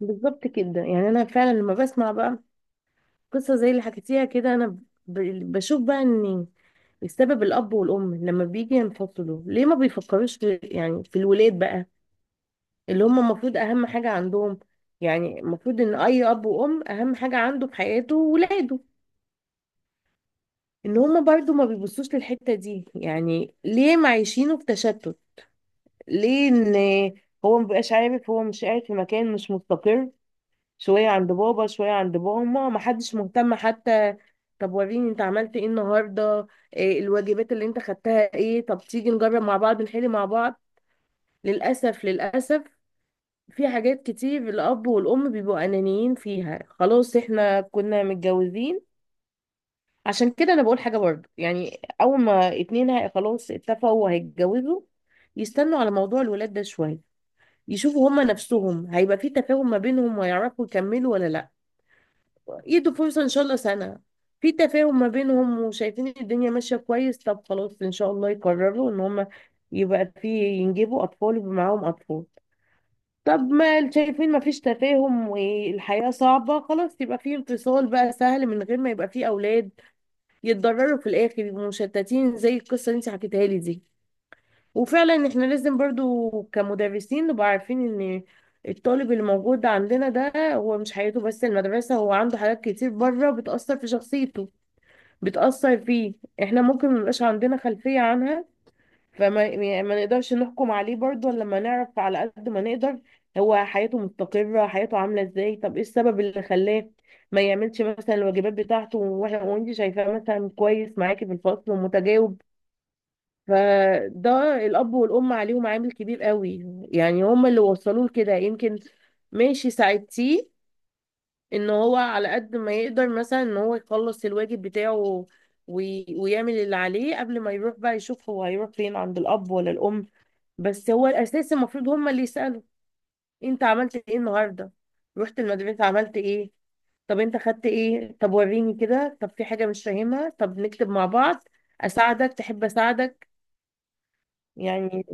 بالظبط كده، يعني انا فعلا لما بسمع بقى قصه زي اللي حكيتيها كده، انا بشوف بقى ان السبب الاب والام لما بيجي ينفصلوا ليه ما بيفكروش في، يعني في الولاد بقى اللي هم المفروض اهم حاجه عندهم. يعني المفروض ان اي اب وام اهم حاجه عنده في حياته ولاده، ان هم برضو ما بيبصوش للحته دي. يعني ليه معيشينه في تشتت؟ ليه ان هو مبقاش عارف، هو مش قاعد في مكان مش مستقر، شوية عند بابا شوية عند ماما، محدش مهتم حتى. طب وريني انت عملت ايه النهاردة؟ إيه الواجبات اللي انت خدتها؟ ايه، طب تيجي نجرب مع بعض، نحل مع بعض. للأسف للأسف، في حاجات كتير الأب والأم بيبقوا أنانيين فيها. خلاص احنا كنا متجوزين. عشان كده أنا بقول حاجة برضه، يعني أول ما اتنين خلاص اتفقوا وهيتجوزوا، يستنوا على موضوع الولاد ده شوية، يشوفوا هما نفسهم هيبقى في تفاهم ما بينهم ويعرفوا يكملوا ولا لأ. يدوا فرصة ان شاء الله سنة، في تفاهم ما بينهم وشايفين الدنيا ماشية كويس، طب خلاص ان شاء الله يقرروا ان هم يبقى في، ينجبوا اطفال ويبقى معاهم اطفال. طب ما شايفين ما فيش تفاهم والحياة صعبة، خلاص يبقى في انفصال بقى، سهل، من غير ما يبقى في اولاد يتضرروا في الاخر، يبقوا مشتتين زي القصة اللي انت حكيتها لي دي. وفعلا احنا لازم برضو كمدرسين نبقى عارفين ان الطالب اللي موجود عندنا ده هو مش حياته بس المدرسة، هو عنده حاجات كتير بره بتأثر في شخصيته، بتأثر فيه. احنا ممكن ميبقاش عندنا خلفية عنها، فما، يعني ما نقدرش نحكم عليه برضو إلا لما نعرف على قد ما نقدر هو حياته مستقرة، حياته عاملة ازاي، طب ايه السبب اللي خلاه ما يعملش مثلا الواجبات بتاعته واحنا وانت شايفاه مثلا كويس معاكي في الفصل ومتجاوب. فده الأب والأم عليهم عامل كبير قوي، يعني هم اللي وصلوه لكده يمكن. ماشي، ساعدتيه إن هو على قد ما يقدر مثلا إن هو يخلص الواجب بتاعه ويعمل اللي عليه قبل ما يروح بقى، يشوف هو هيروح فين، عند الأب ولا الأم. بس هو الأساس المفروض هم اللي يسألوا: أنت عملت إيه النهاردة؟ رحت المدرسة عملت إيه؟ طب أنت خدت إيه؟ طب وريني كده. طب في حاجة مش فاهمها؟ طب نكتب مع بعض، أساعدك، تحب أساعدك؟ يعني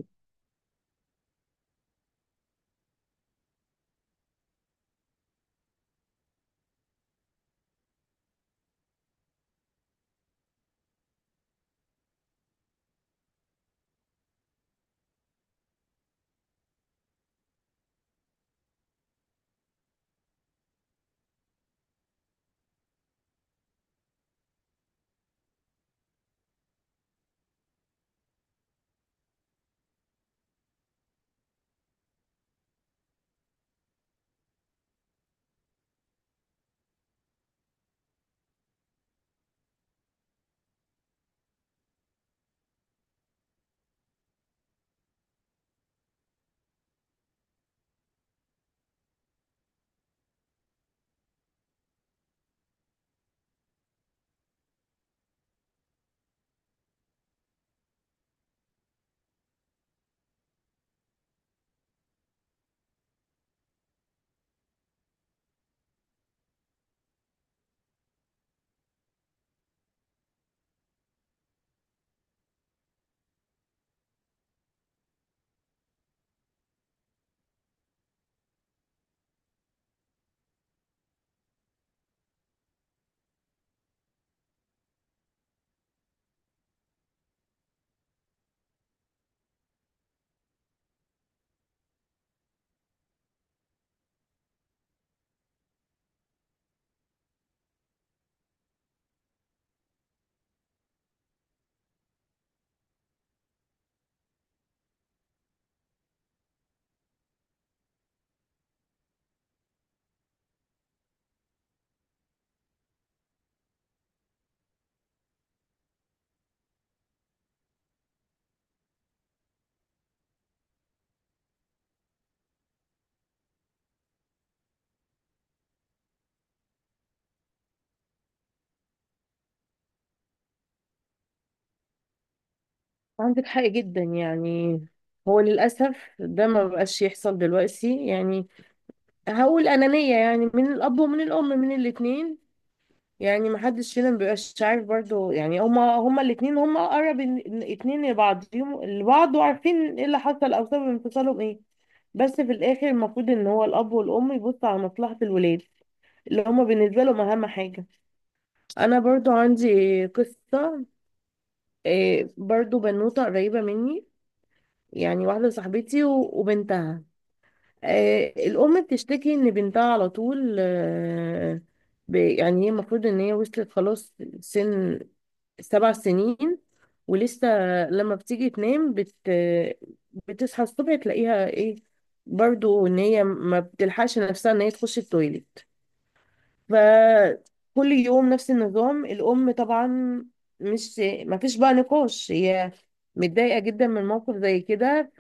عندك حق جدا. يعني هو للأسف ده ما بقاش يحصل دلوقتي. يعني هقول أنانية، يعني من الأب ومن الأم، من الاتنين. يعني ما حدش فينا ما بيبقاش عارف برضو، يعني هما الاتنين هما أقرب اتنين لبعضهم لبعض، وعارفين ايه اللي حصل أو سبب انفصالهم ايه. بس في الآخر المفروض إن هو الأب والأم يبصوا على مصلحة الولاد اللي هما بالنسبة لهم أهم حاجة. أنا برضو عندي قصة، إيه، برضو بنوتة قريبة مني، يعني واحدة صاحبتي وبنتها. آه، الأم بتشتكي إن بنتها على طول، آه، ب-، يعني هي المفروض إن هي وصلت خلاص سن 7 سنين ولسه لما بتيجي تنام بتصحى الصبح تلاقيها إيه؟ برضو إن هي ما بتلحقش نفسها إن هي تخش التويليت. فكل يوم نفس النظام، الأم طبعا مش ما فيش بقى نقاش، هي متضايقة جدا من موقف زي كده.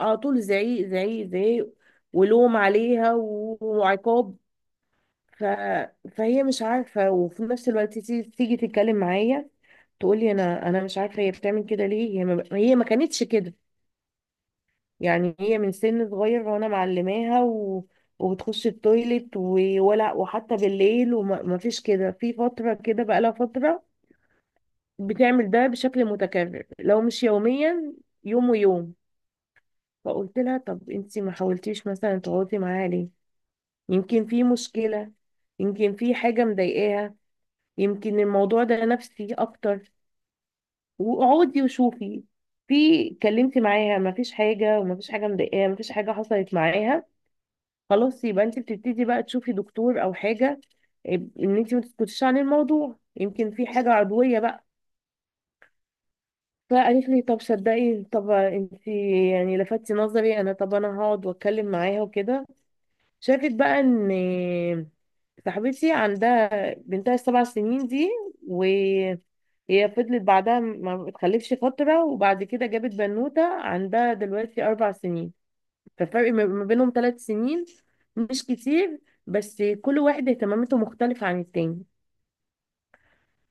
على طول زعيق زعيق زعيق ولوم عليها وعقاب. ف... فهي مش عارفة، وفي نفس الوقت تيجي، تتكلم معايا تقولي: انا مش عارفة هي بتعمل كده ليه، هي ما..، هي ما كانتش كده، يعني هي من سن صغير وانا معلماها وبتخش التويليت، ولا وحتى بالليل، وما ما فيش كده، في فترة كده بقالها فترة بتعمل ده بشكل متكرر، لو مش يوميا يوم ويوم. فقلت لها: طب انتي ما حاولتيش مثلا تقعدي معاها ليه؟ يمكن في مشكلة، يمكن في حاجة مضايقاها، يمكن الموضوع ده نفسي أكتر، واقعدي وشوفي. في، كلمتي معاها، مفيش حاجة ومفيش حاجة مضايقاها، مفيش حاجة حصلت معاها، خلاص يبقى انت بتبتدي بقى تشوفي دكتور أو حاجة، آه، ان انت ما تسكتيش عن الموضوع، يمكن في حاجة عضوية بقى. فقالت لي: طب صدقي، طب انت يعني لفتي نظري، انا طب انا هقعد واتكلم معاها وكده. شافت بقى ان صاحبتي عندها بنتها السبع سنين دي وهي فضلت بعدها ما اتخلفش فترة، وبعد كده جابت بنوتة عندها دلوقتي 4 سنين. ففرق ما بينهم 3 سنين، مش كتير، بس كل واحد اهتماماته مختلفة عن التاني.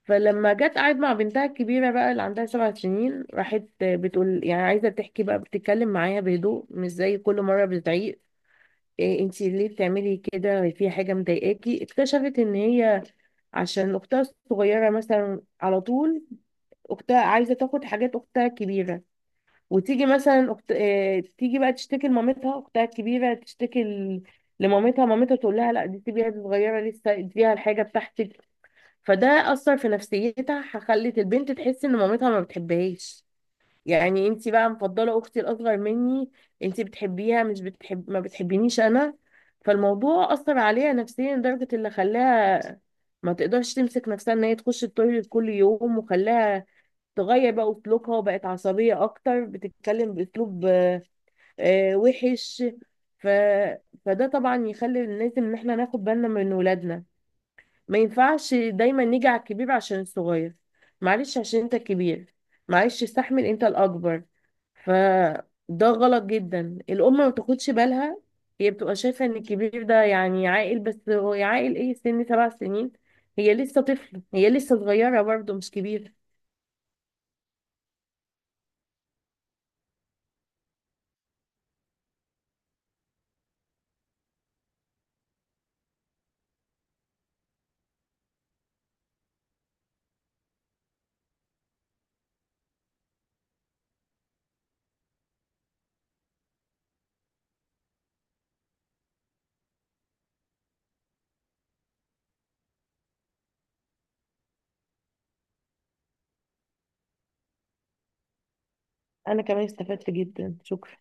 فلما جت قعدت مع بنتها الكبيرة بقى اللي عندها 7 سنين، راحت بتقول، يعني عايزة تحكي بقى، بتتكلم معايا بهدوء مش زي كل مرة بتعيق: إيه انتي ليه بتعملي كده، في حاجة مضايقاكي؟ اكتشفت ان هي عشان اختها الصغيرة مثلا على طول، اختها عايزة تاخد حاجات اختها الكبيرة، وتيجي مثلا تيجي بقى تشتكي لمامتها، اختها الكبيرة تشتكي لمامتها، مامتها تقول لها: لا دي سيبيها، دي صغيرة لسه، اديها الحاجة بتاعتك. فده أثر في نفسيتها، خلت البنت تحس ان مامتها ما بتحبهاش، يعني انت بقى مفضله اختي الاصغر مني، انت بتحبيها، مش بتحب، ما بتحبينيش انا. فالموضوع اثر عليها نفسيا لدرجه اللي خلاها ما تقدرش تمسك نفسها ان هي تخش التويليت كل يوم، وخلاها تغير بقى اسلوبها وبقت عصبيه اكتر، بتتكلم باسلوب، آه، آه، وحش. ف... فده طبعا يخلي لازم ان احنا ناخد بالنا من ولادنا. ما ينفعش دايما نيجي على الكبير عشان الصغير، معلش عشان انت الكبير، معلش استحمل انت الاكبر. فده غلط جدا، الام ما بتاخدش بالها، هي بتبقى شايفه ان الكبير ده يعني عاقل، بس هو عاقل ايه، سن 7 سنين، هي لسه طفل، هي لسه صغيره برضه مش كبيره. انا كمان استفدت جدا، شكرا.